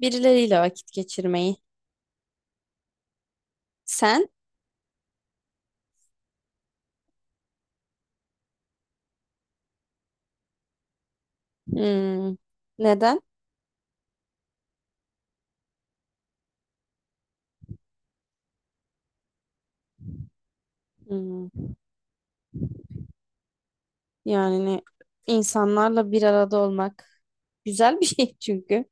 Birileriyle vakit geçirmeyi. Sen? Hmm, neden? Hmm, yani insanlarla bir arada olmak güzel bir şey çünkü.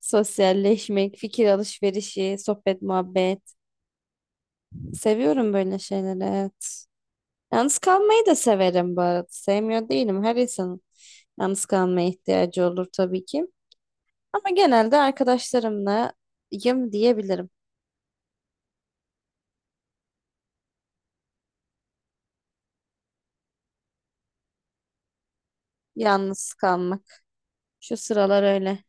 Sosyalleşmek, fikir alışverişi, sohbet, muhabbet. Seviyorum böyle şeyleri, evet. Yalnız kalmayı da severim bu arada. Sevmiyor değilim. Her insanın yalnız kalmaya ihtiyacı olur tabii ki. Ama genelde arkadaşlarımlayım diyebilirim. Yalnız kalmak. Şu sıralar öyle.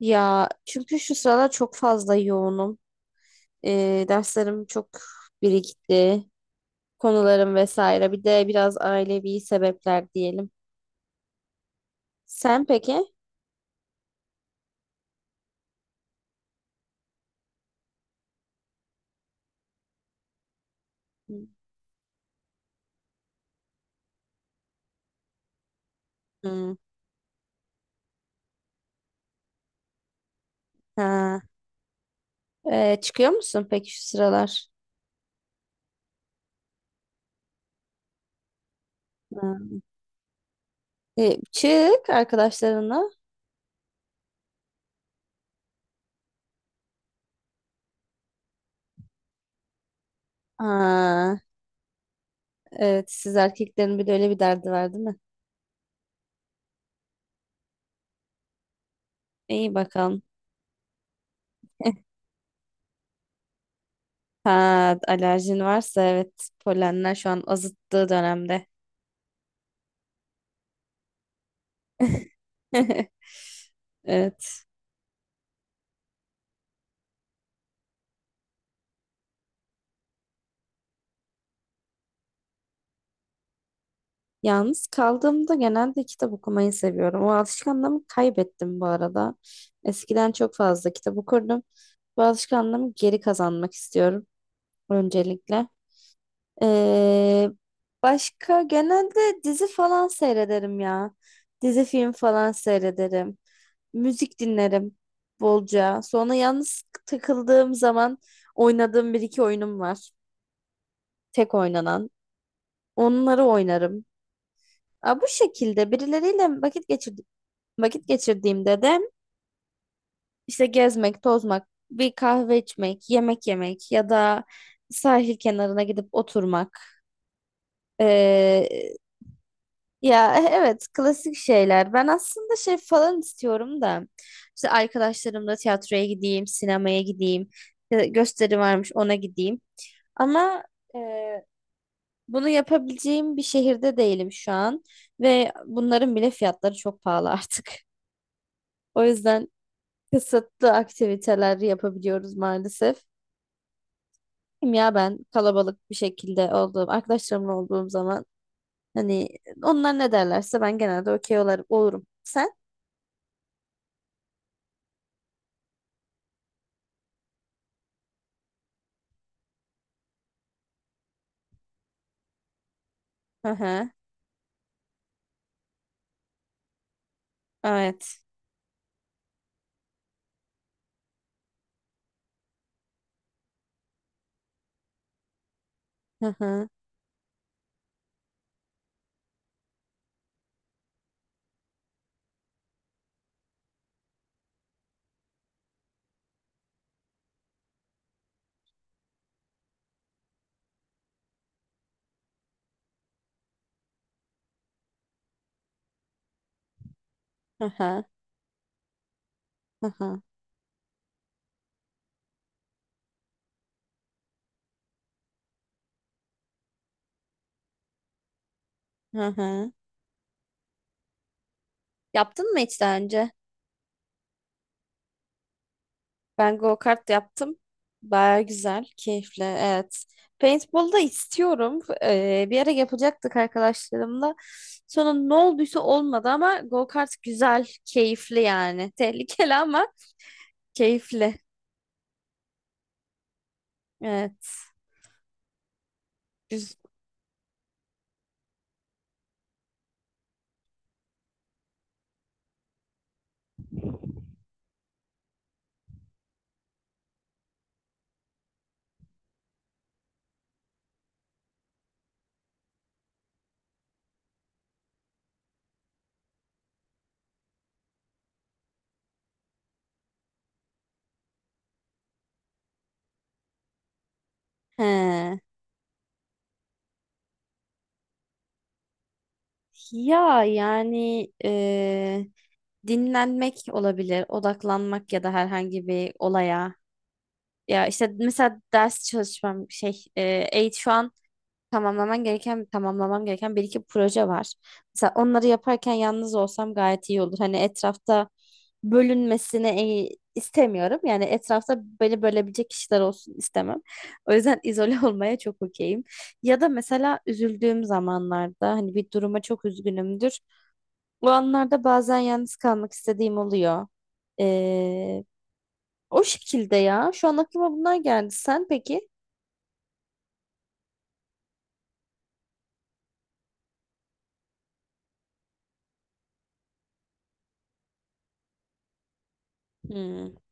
Ya çünkü şu sıralar çok fazla yoğunum. Derslerim çok birikti. Konularım vesaire. Bir de biraz ailevi sebepler diyelim. Sen peki? Hmm. Ha. Çıkıyor musun peki şu sıralar? Ha. Çık arkadaşlarına. Ha, evet siz erkeklerin bir de öyle bir derdi var değil mi? İyi bakalım. Ha, alerjin varsa evet polenler şu an azıttığı dönemde. Evet. Yalnız kaldığımda genelde kitap okumayı seviyorum. O alışkanlığımı kaybettim bu arada. Eskiden çok fazla kitap okurdum. Bu alışkanlığımı geri kazanmak istiyorum öncelikle. Ee, Başka genelde dizi falan seyrederim ya. Dizi film falan seyrederim. Müzik dinlerim bolca. Sonra yalnız takıldığım zaman oynadığım bir iki oyunum var. Tek oynanan. Onları oynarım. Aa, bu şekilde birileriyle vakit geçir vakit geçirdiğimde de işte gezmek, tozmak, bir kahve içmek, yemek yemek ya da sahil kenarına gidip oturmak. Ee, Ya evet klasik şeyler. Ben aslında şey falan istiyorum da işte arkadaşlarımla tiyatroya gideyim, sinemaya gideyim, gösteri varmış ona gideyim. Ama e, bunu yapabileceğim bir şehirde değilim şu an ve bunların bile fiyatları çok pahalı artık. O yüzden kısıtlı aktiviteler yapabiliyoruz maalesef. Ya ben kalabalık bir şekilde olduğum, arkadaşlarımla olduğum zaman hani onlar ne derlerse ben genelde olurum. Sen? Hı hı. Evet. Hı hı. Hı hı. Hı hı. Hı hı. Yaptın mı hiç daha önce? Ben go-kart yaptım. Baya güzel, keyifli. Evet. Paintball da istiyorum. Bir ara yapacaktık arkadaşlarımla. Sonra ne olduysa olmadı ama go-kart güzel, keyifli yani. Tehlikeli ama keyifli. Evet. Güz- He. Ya yani e, Dinlenmek olabilir, odaklanmak ya da herhangi bir olaya. Ya işte mesela ders çalışmam şu an tamamlamam gereken bir iki proje var. Mesela onları yaparken yalnız olsam gayet iyi olur. Hani etrafta bölünmesini istemiyorum. Yani etrafta beni bölebilecek kişiler olsun istemem. O yüzden izole olmaya çok okeyim. Ya da mesela üzüldüğüm zamanlarda hani bir duruma çok üzgünümdür. O anlarda bazen yalnız kalmak istediğim oluyor. Ee, O şekilde ya. Şu an aklıma bunlar geldi. Sen peki? Hmm.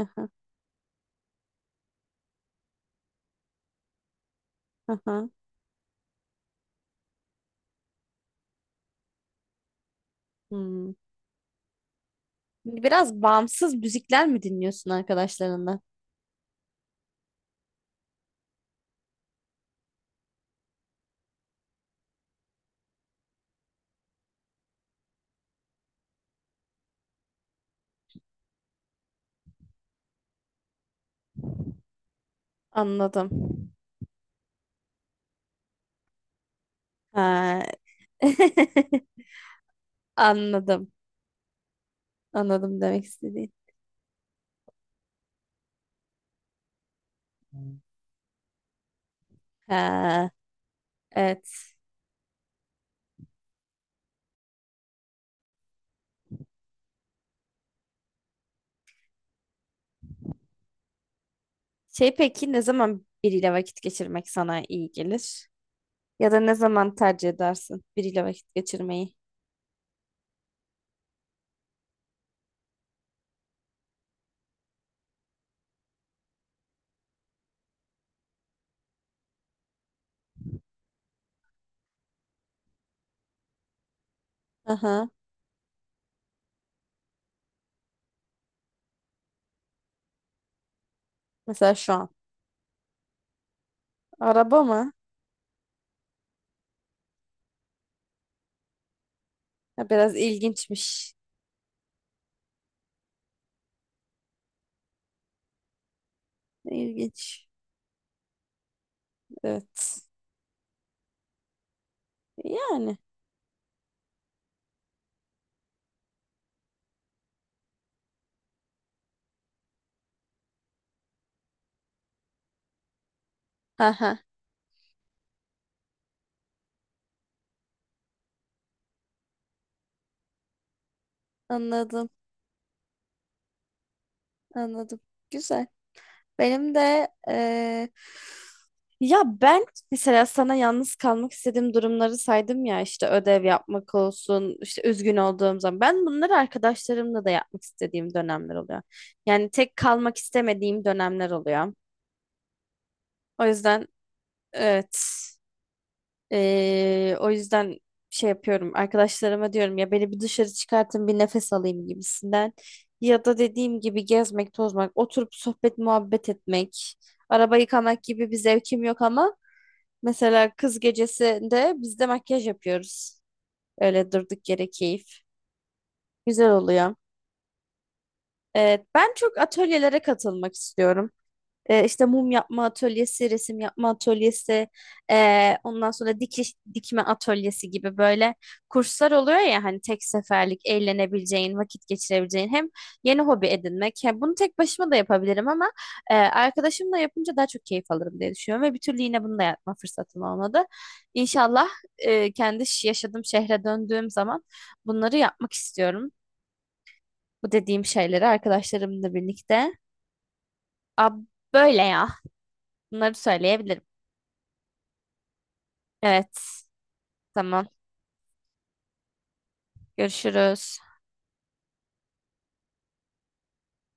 Aha, aha, hmm. Biraz bağımsız müzikler mi dinliyorsun arkadaşlarından? Anladım. Ha. Anladım. Anladım demek istediğin. Ha. Evet. Şey peki ne zaman biriyle vakit geçirmek sana iyi gelir? Ya da ne zaman tercih edersin biriyle vakit geçirmeyi? Aha. Mesela şu an. Araba mı? Ha, biraz ilginçmiş. İlginç. Evet. Yani. Aha. Anladım. Anladım. Güzel. Benim de Ya ben mesela sana yalnız kalmak istediğim durumları saydım ya işte ödev yapmak olsun işte üzgün olduğum zaman ben bunları arkadaşlarımla da yapmak istediğim dönemler oluyor. Yani tek kalmak istemediğim dönemler oluyor. O yüzden evet o yüzden şey yapıyorum arkadaşlarıma diyorum ya beni bir dışarı çıkartın bir nefes alayım gibisinden. Ya da dediğim gibi gezmek, tozmak, oturup sohbet muhabbet etmek, araba yıkamak gibi bir zevkim yok ama mesela kız gecesinde biz de makyaj yapıyoruz. Öyle durduk yere keyif. Güzel oluyor. Evet, ben çok atölyelere katılmak istiyorum. İşte mum yapma atölyesi, resim yapma atölyesi, ondan sonra dikiş dikme atölyesi gibi böyle kurslar oluyor ya hani tek seferlik eğlenebileceğin, vakit geçirebileceğin hem yeni hobi edinmek. Hem bunu tek başıma da yapabilirim ama arkadaşımla yapınca daha çok keyif alırım diye düşünüyorum ve bir türlü yine bunu da yapma fırsatım olmadı. İnşallah yaşadığım şehre döndüğüm zaman bunları yapmak istiyorum. Bu dediğim şeyleri arkadaşlarımla birlikte. Ab Böyle ya. Bunları söyleyebilirim. Evet. Tamam. Görüşürüz.